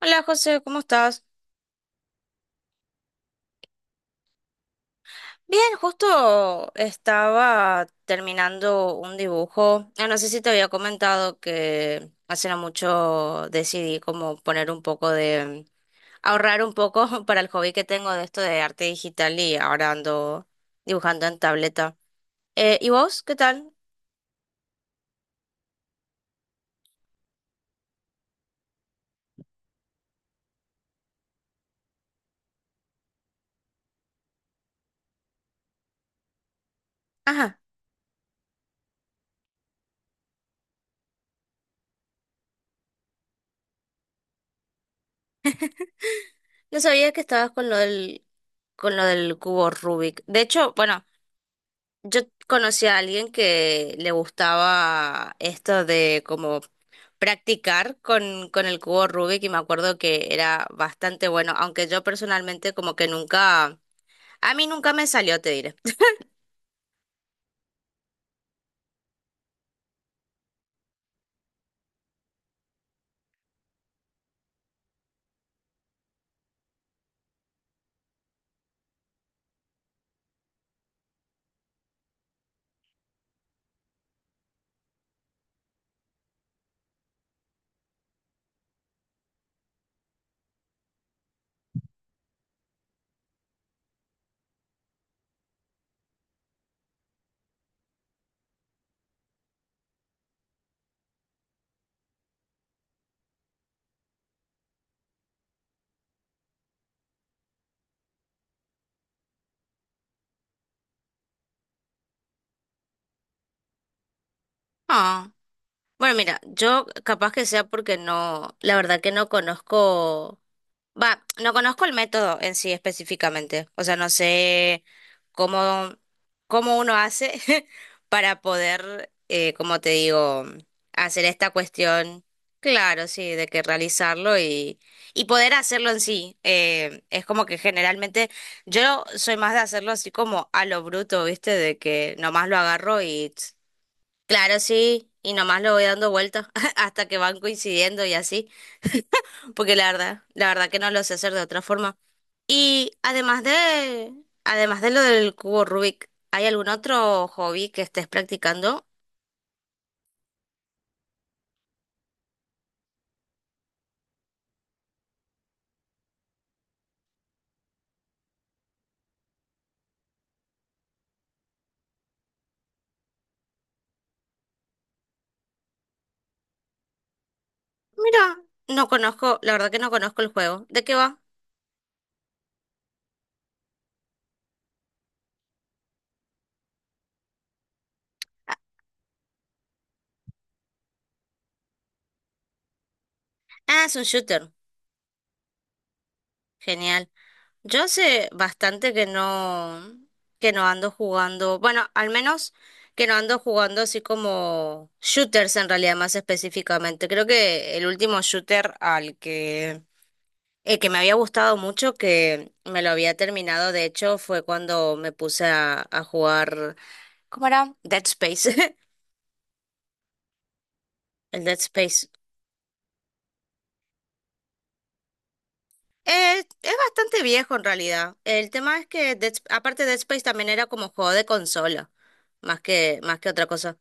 Hola José, ¿cómo estás? Bien, justo estaba terminando un dibujo. Ah, no sé si te había comentado que hace no mucho decidí como poner un poco de, ahorrar un poco para el hobby que tengo de esto de arte digital y ahora ando dibujando en tableta. ¿Y vos? ¿Qué tal? Ajá, no sabía que estabas con lo del cubo Rubik. De hecho, bueno, yo conocí a alguien que le gustaba esto de como practicar con el cubo Rubik y me acuerdo que era bastante bueno, aunque yo personalmente como que nunca, a mí nunca me salió, te diré. Ah, bueno, mira, yo capaz que sea porque no, la verdad que no conozco. Va, no conozco el método en sí específicamente, o sea, no sé cómo, cómo uno hace para poder, como te digo, hacer esta cuestión, claro, sí, de que realizarlo y poder hacerlo en sí. Es como que generalmente yo soy más de hacerlo así como a lo bruto, ¿viste? De que nomás lo agarro y, tss, claro, sí, y nomás lo voy dando vueltas hasta que van coincidiendo y así, porque la verdad que no lo sé hacer de otra forma. Y además de lo del cubo Rubik, ¿hay algún otro hobby que estés practicando? Mira, no conozco, la verdad que no conozco el juego. ¿De qué va? Ah, es un shooter. Genial. Yo hace bastante que no ando jugando, bueno, al menos que no ando jugando así como shooters en realidad más específicamente. Creo que el último shooter al que, el que me había gustado mucho, que me lo había terminado, de hecho, fue cuando me puse a jugar, ¿cómo era? Dead Space. El Dead Space. Es bastante viejo en realidad. El tema es que, Dead Sp- aparte Dead Space también era como juego de consola, más que otra cosa.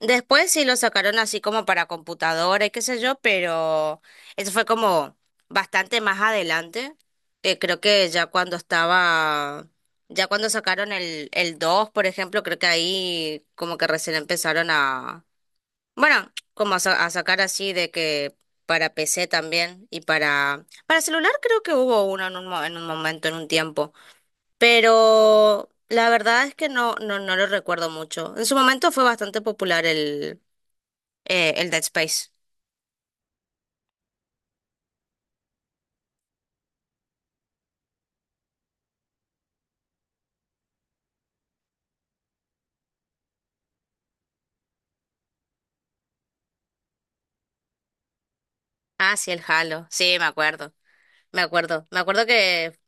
Después sí lo sacaron así como para computadora y qué sé yo, pero eso fue como bastante más adelante. Creo que ya cuando estaba, ya cuando sacaron el 2, por ejemplo, creo que ahí como que recién empezaron a, bueno, como a, sa- a sacar así de que para PC también y para celular creo que hubo uno en un, mo- en un momento, en un tiempo, pero la verdad es que no, no lo recuerdo mucho. En su momento fue bastante popular, el Dead Space. Ah, sí, el Halo. Sí, me acuerdo. Me acuerdo. Me acuerdo que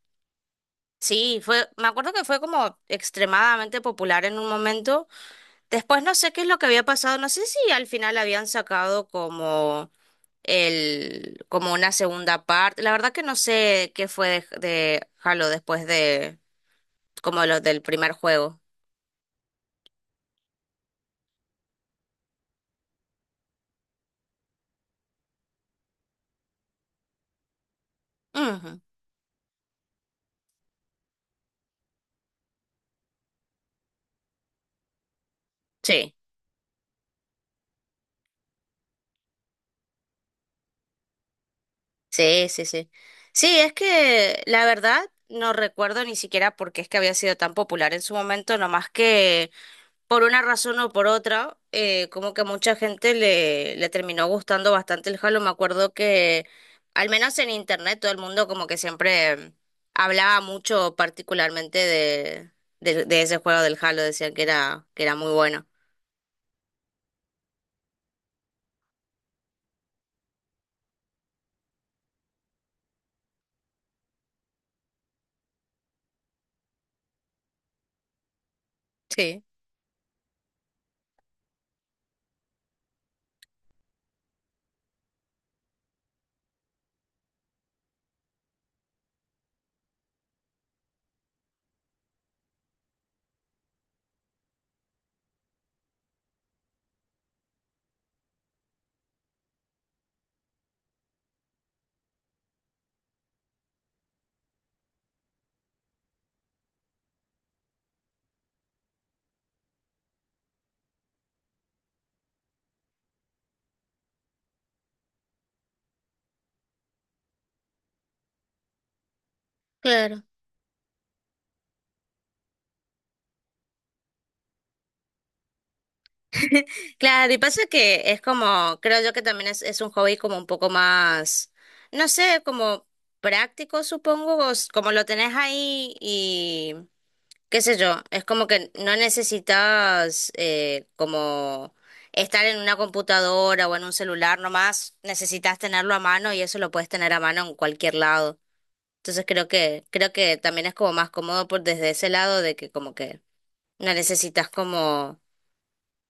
sí, fue, me acuerdo que fue como extremadamente popular en un momento. Después no sé qué es lo que había pasado. No sé si al final habían sacado como el, como una segunda parte. La verdad que no sé qué fue de Halo después de, como los del primer juego. Ujú, sí. Sí, sí, sí. Sí, es que la verdad no recuerdo ni siquiera por qué es que había sido tan popular en su momento, nomás que por una razón o por otra, como que mucha gente le, le terminó gustando bastante el Halo. Me acuerdo que, al menos en internet, todo el mundo como que siempre hablaba mucho particularmente de ese juego del Halo, decían que era muy bueno. Sí, claro. Claro, y pasa que es como, creo yo que también es un hobby como un poco más, no sé, como práctico, supongo, o s- como lo tenés ahí y qué sé yo, es como que no necesitas como estar en una computadora o en un celular nomás, necesitas tenerlo a mano y eso lo puedes tener a mano en cualquier lado. Entonces creo que también es como más cómodo por desde ese lado de que como que no necesitas como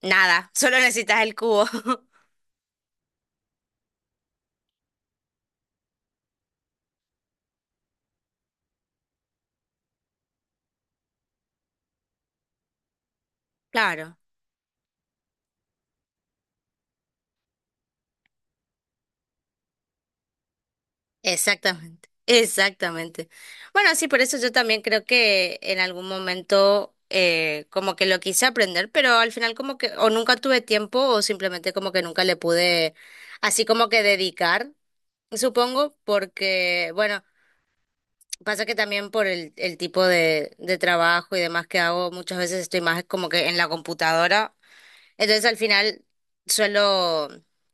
nada, solo necesitas el cubo. Claro, exactamente, exactamente. Bueno, sí, por eso yo también creo que en algún momento como que lo quise aprender, pero al final como que o nunca tuve tiempo o simplemente como que nunca le pude así como que dedicar, supongo, porque bueno, pasa que también por el tipo de trabajo y demás que hago, muchas veces estoy más como que en la computadora. Entonces al final suelo,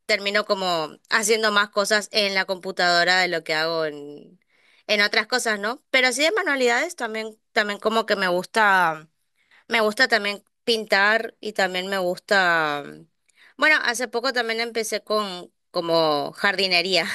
termino como haciendo más cosas en la computadora de lo que hago en otras cosas, ¿no? Pero así de manualidades también, también como que me gusta también pintar y también me gusta, bueno, hace poco también empecé con como jardinería.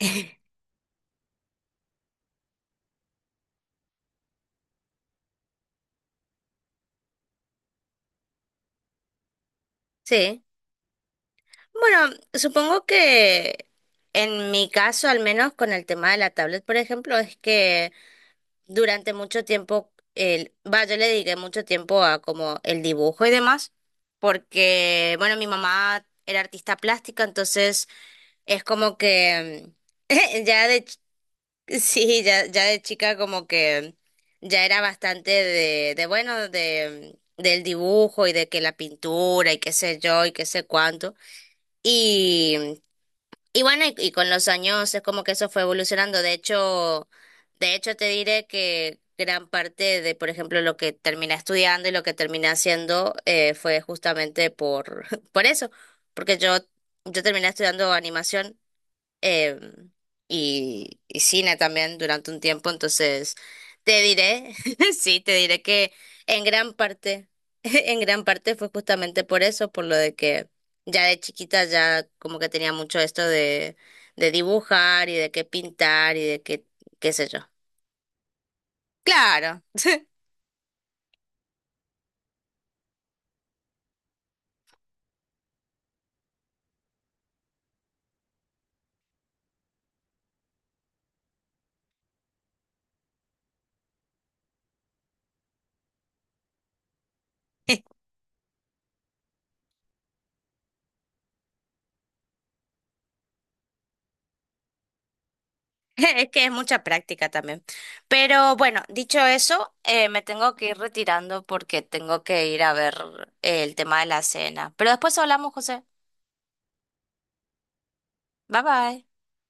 Sí. Bueno, supongo que en mi caso, al menos con el tema de la tablet, por ejemplo, es que durante mucho tiempo, el, va, yo le dediqué mucho tiempo a como el dibujo y demás, porque, bueno, mi mamá era artista plástica, entonces es como que mm, ya de, ch- sí, ya, ya de chica como que ya era bastante de bueno, de, del dibujo y de que la pintura y qué sé yo y qué sé cuánto. Y y bueno, y con los años es como que eso fue evolucionando. De hecho te diré que gran parte de, por ejemplo, lo que terminé estudiando y lo que terminé haciendo fue justamente por, por eso, porque yo terminé estudiando animación, eh, y cine también durante un tiempo, entonces te diré, sí, te diré que en gran parte, en gran parte fue justamente por eso, por lo de que ya de chiquita ya como que tenía mucho esto de dibujar y de qué pintar y de qué, qué sé yo. Claro. Es que es mucha práctica también. Pero bueno, dicho eso, me tengo que ir retirando porque tengo que ir a ver el tema de la cena. Pero después hablamos, José. Bye bye.